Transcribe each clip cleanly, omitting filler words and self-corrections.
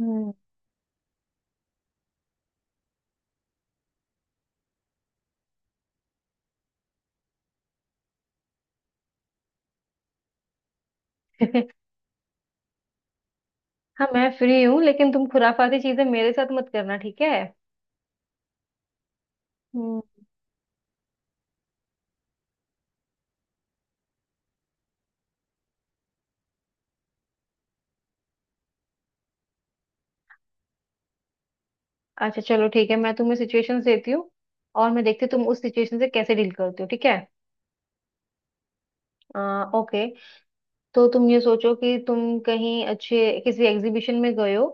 हम्म। हाँ मैं फ्री हूँ, लेकिन तुम खुराफाती चीजें मेरे साथ मत करना, ठीक है। हम्म। अच्छा, चलो ठीक है, मैं तुम्हें सिचुएशंस देती हूँ और मैं देखती हूँ तुम उस सिचुएशन से कैसे डील करती हो, ठीक है। ओके। तो तुम ये सोचो कि तुम कहीं अच्छे किसी एग्जीबिशन में गए हो,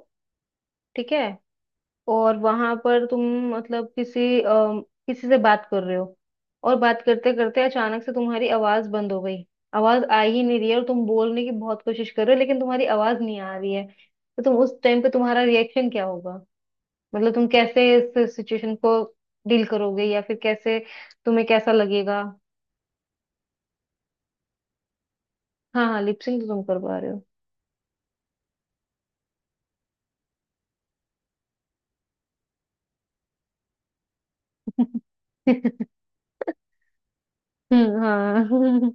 ठीक है। और वहां पर तुम मतलब किसी किसी से बात कर रहे हो और बात करते करते अचानक से तुम्हारी आवाज बंद हो गई। आवाज आ ही नहीं रही है और तुम बोलने की बहुत कोशिश कर रहे हो, लेकिन तुम्हारी आवाज नहीं आ रही है। तो तुम उस टाइम पे तुम्हारा रिएक्शन क्या होगा? मतलब तुम कैसे इस सिचुएशन को डील करोगे या फिर कैसे, तुम्हें कैसा लगेगा? हाँ हाँ, लिपसिंग तो तुम कर पा रहे हो। हाँ।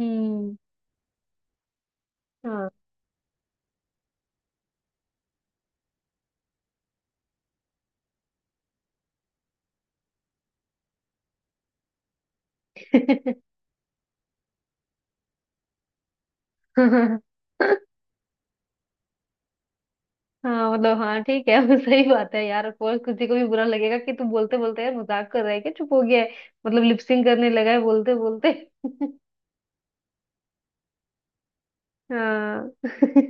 हम्म हाँ। हाँ हाँ, मतलब हाँ ठीक है। वो सही बात है यार, और किसी को भी बुरा लगेगा कि तू बोलते बोलते यार मजाक कर रहा है क्या, चुप हो गया है। मतलब लिपसिंग करने लगा है बोलते बोलते। हाँ।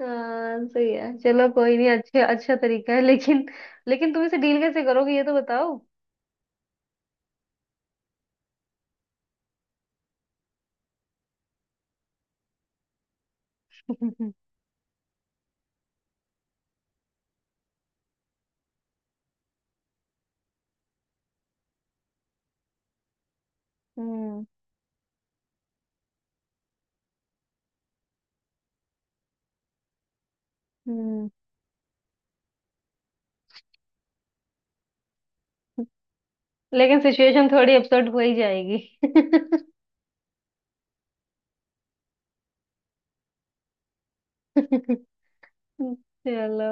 हाँ सही है, चलो कोई नहीं, अच्छे अच्छा तरीका है, लेकिन लेकिन तुम इसे डील कैसे करोगे ये तो बताओ। हम्म। हम्म। लेकिन सिचुएशन थोड़ी अपसेट हो ही जाएगी। चलो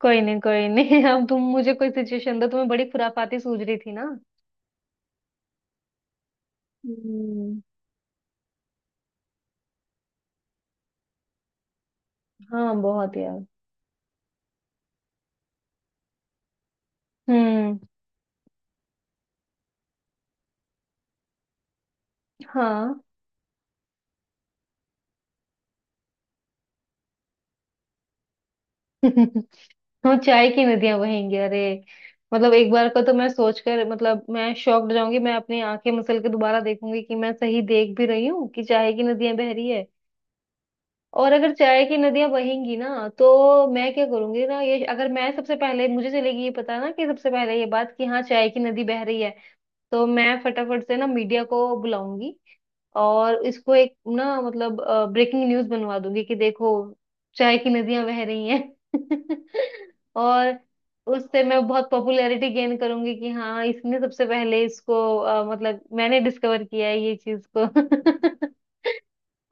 कोई नहीं कोई नहीं। अब तुम मुझे कोई सिचुएशन दो, तुम्हें बड़ी खुराफाती सूझ रही थी ना। हम्म। हाँ बहुत यार। हम्म। हाँ। हम चाय की नदियां बहेंगी? अरे, मतलब एक बार को तो मैं सोचकर, मतलब मैं शॉक्ड जाऊंगी, मैं अपनी आंखें मसल के दोबारा देखूंगी कि मैं सही देख भी रही हूँ कि चाय की नदियां बह रही है। और अगर चाय की नदियां बहेंगी ना तो मैं क्या करूंगी ना, ये अगर मैं सबसे पहले, मुझे चलेगी ये पता ना कि सबसे पहले ये बात कि हाँ चाय की नदी बह रही है, तो मैं फटाफट से ना मीडिया को बुलाऊंगी और इसको एक ना मतलब ब्रेकिंग न्यूज बनवा दूंगी कि देखो चाय की नदियां बह रही हैं। और उससे मैं बहुत पॉपुलैरिटी गेन करूंगी कि हाँ इसने सबसे पहले इसको मतलब मैंने डिस्कवर किया है ये चीज को।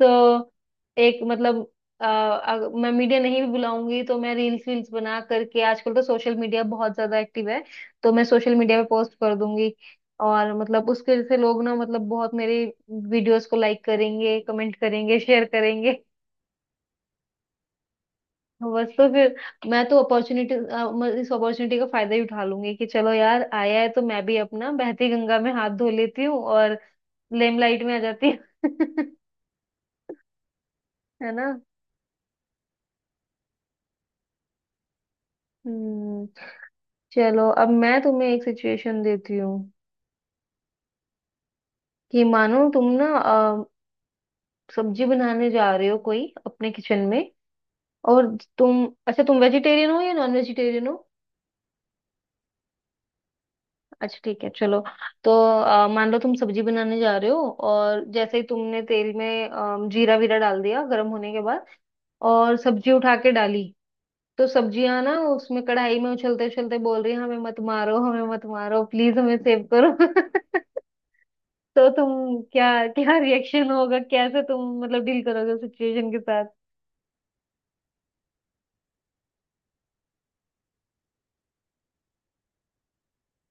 तो एक मतलब मैं मीडिया नहीं भी बुलाऊंगी तो मैं रील्स वील्स बना करके, आजकल तो सोशल मीडिया बहुत ज्यादा एक्टिव है, तो मैं सोशल मीडिया पे पोस्ट कर दूंगी। और मतलब उसके वजह से लोग ना मतलब बहुत मेरे वीडियोस को लाइक करेंगे, कमेंट करेंगे, शेयर करेंगे। बस तो फिर मैं तो अपॉर्चुनिटी इस अपॉर्चुनिटी का फायदा ही उठा लूंगी कि चलो यार आया है तो मैं भी अपना बहती गंगा में हाथ धो लेती हूँ और लेमलाइट में आ जाती हूँ। है ना। हम्म। चलो अब मैं तुम्हें एक सिचुएशन देती हूँ कि मानो तुम ना सब्जी बनाने जा रहे हो कोई अपने किचन में, और तुम, अच्छा तुम वेजिटेरियन हो या नॉन वेजिटेरियन हो? अच्छा ठीक है चलो। तो मान लो तुम सब्जी बनाने जा रहे हो और जैसे ही तुमने तेल में जीरा वीरा डाल दिया गर्म होने के बाद और सब्जी उठा के डाली, तो सब्जियां ना उसमें कढ़ाई में उछलते उछलते बोल रही हैं, हमें मत मारो, हमें मत मारो, प्लीज हमें सेव करो। तो तुम क्या, क्या रिएक्शन होगा, कैसे तुम मतलब डील करोगे सिचुएशन के साथ?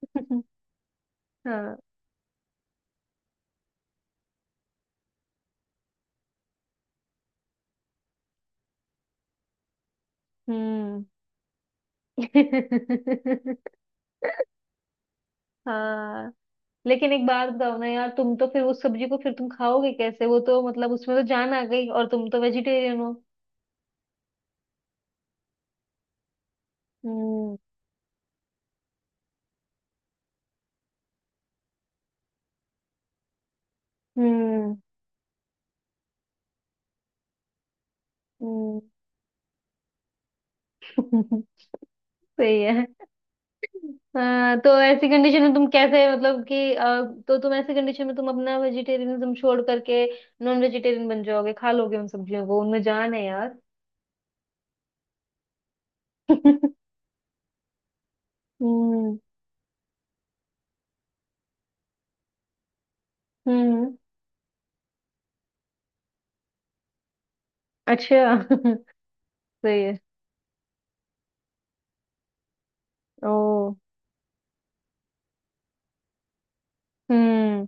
हाँ। हम्म। हाँ, लेकिन एक बात बताओ ना यार, तुम तो फिर उस सब्जी को फिर तुम खाओगे कैसे? वो तो मतलब उसमें तो जान आ गई और तुम तो वेजिटेरियन हो। हम्म। हम्म। हम्म। सही है। हाँ तो ऐसी कंडीशन में तुम कैसे मतलब कि तो तुम ऐसी कंडीशन में तुम अपना वेजिटेरियनिज्म छोड़ करके नॉन वेजिटेरियन बन जाओगे, खा लोगे उन सब्जियों को, उनमें जान है यार। हम्म। हम्म। अच्छा। सही है। ओ। हम्म।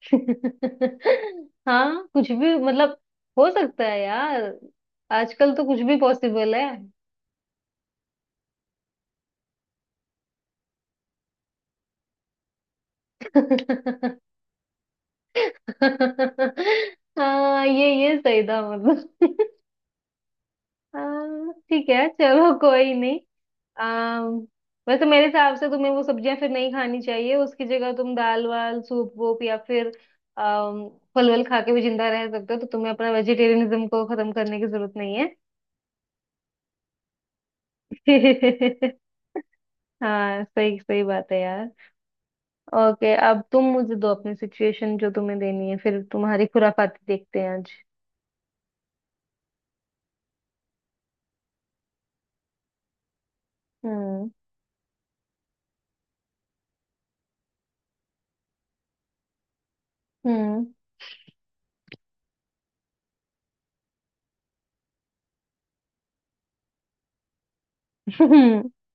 हाँ कुछ भी मतलब, हो सकता है यार, आजकल तो कुछ भी पॉसिबल है। हाँ ये सही था मतलब। हाँ, ठीक है चलो कोई नहीं। आम, वैसे मेरे हिसाब से तुम्हें वो सब्जियां फिर नहीं खानी चाहिए, उसकी जगह तुम दाल वाल सूप वूप या फिर अम, फल वल खा के भी जिंदा रह सकते हो, तो तुम्हें अपना वेजिटेरियनिज्म को खत्म करने की जरूरत नहीं है। हाँ सही सही बात है यार। ओके अब तुम मुझे दो अपनी सिचुएशन, जो तुम्हें देनी है, फिर तुम्हारी खुराफाती देखते हैं आज। हम्म। हम्म।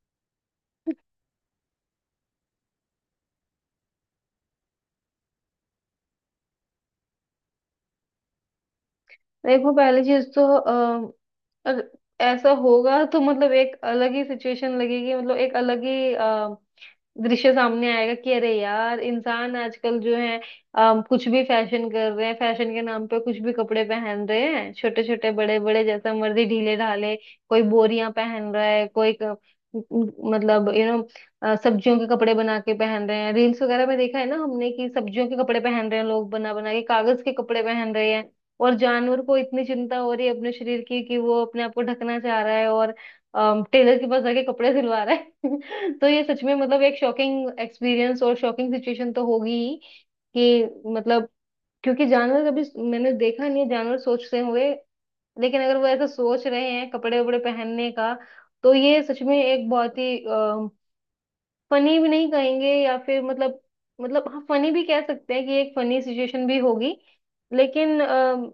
देखो पहली चीज तो अगर ऐसा होगा तो मतलब एक अलग ही सिचुएशन लगेगी, मतलब एक अलग ही दृश्य सामने आएगा कि अरे यार, इंसान आजकल जो है कुछ भी फैशन कर रहे हैं, फैशन के नाम पे कुछ भी कपड़े पहन रहे हैं, छोटे छोटे बड़े बड़े जैसा मर्जी ढीले ढाले, कोई बोरियां पहन रहा है, कोई मतलब सब्जियों के कपड़े बना के पहन रहे हैं, रील्स वगैरह में देखा है ना हमने कि सब्जियों के कपड़े पहन रहे हैं लोग बना बना के, कागज के कपड़े पहन रहे हैं। और जानवर को इतनी चिंता हो रही है अपने शरीर की कि वो अपने आप को ढकना चाह रहा है और टेलर के पास जाके कपड़े सिलवा रहा है। तो ये सच में मतलब एक शॉकिंग एक्सपीरियंस और शॉकिंग सिचुएशन तो होगी ही, कि मतलब क्योंकि जानवर कभी, मैंने देखा नहीं है जानवर सोचते हुए, लेकिन अगर वो ऐसा सोच रहे हैं कपड़े वपड़े पहनने का, तो ये सच में एक बहुत ही फनी भी नहीं कहेंगे या फिर मतलब हाँ फनी भी कह सकते हैं कि एक फनी सिचुएशन भी होगी। लेकिन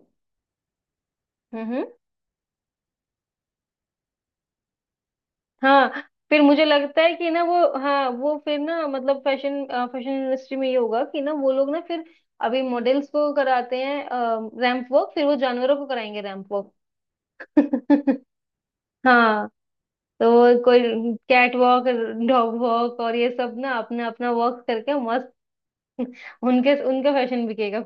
हम्म। हम्म। हाँ फिर मुझे लगता है कि ना वो, हाँ वो फिर ना मतलब फैशन, फैशन इंडस्ट्री में ये होगा कि ना वो लोग ना फिर, अभी मॉडल्स को कराते हैं रैंप वॉक, फिर वो जानवरों को कराएंगे रैंप वॉक। हाँ, तो वो कोई कैट वॉक, डॉग वॉक, और ये सब ना अपना अपना वॉक करके मस्त। उनके उनका फैशन बिकेगा।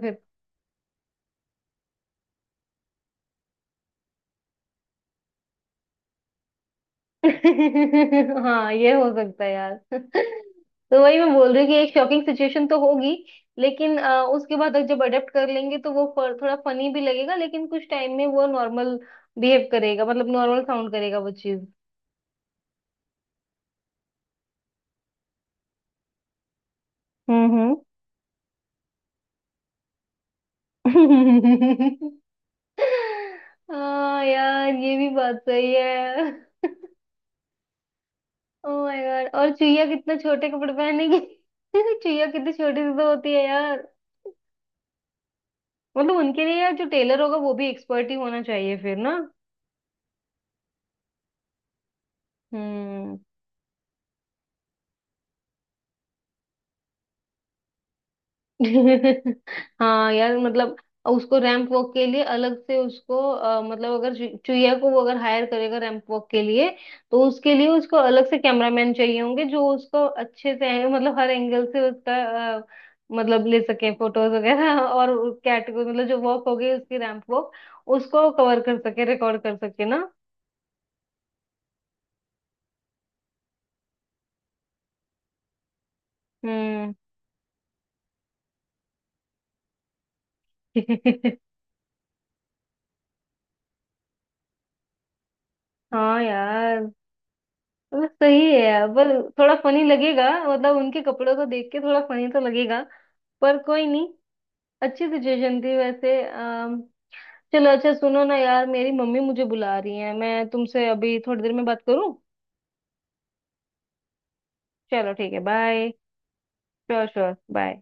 हाँ ये हो सकता है यार। तो वही मैं बोल रही हूँ कि एक शॉकिंग सिचुएशन तो होगी, लेकिन उसके बाद जब अडेप्ट कर लेंगे तो वो थोड़ा फनी भी लगेगा, लेकिन कुछ टाइम में वो नॉर्मल बिहेव करेगा, मतलब नॉर्मल साउंड करेगा वो चीज। हम्म। हम्म। हाँ यार ये भी बात सही है। ओ माय गॉड, और चुईया कितना छोटे कपड़े पहनेगी। चुईया कितनी छोटी सी तो होती है यार, मतलब उनके लिए यार जो टेलर होगा वो भी एक्सपर्ट ही होना चाहिए फिर ना। हम्म। हाँ यार मतलब उसको रैंप वॉक के लिए अलग से, उसको मतलब अगर चुईया को वो अगर हायर करेगा रैंप वॉक के लिए, तो उसके लिए उसको अलग से कैमरामैन चाहिए होंगे, जो उसको अच्छे से मतलब हर एंगल से उसका अ, मतलब ले सके फोटोज वगैरह, और कैट को, मतलब जो वॉक हो गई उसकी रैंप वॉक, उसको कवर कर सके, रिकॉर्ड कर सके ना। हम्म। हाँ यार वो सही है यार, पर थोड़ा फनी लगेगा, मतलब उनके कपड़ों को देख के थोड़ा फनी तो लगेगा, पर कोई नहीं, अच्छी सिचुएशन थी वैसे। चलो अच्छा, सुनो ना यार, मेरी मम्मी मुझे बुला रही है, मैं तुमसे अभी थोड़ी देर में बात करूं। चलो ठीक है, बाय। Sure sure, bye.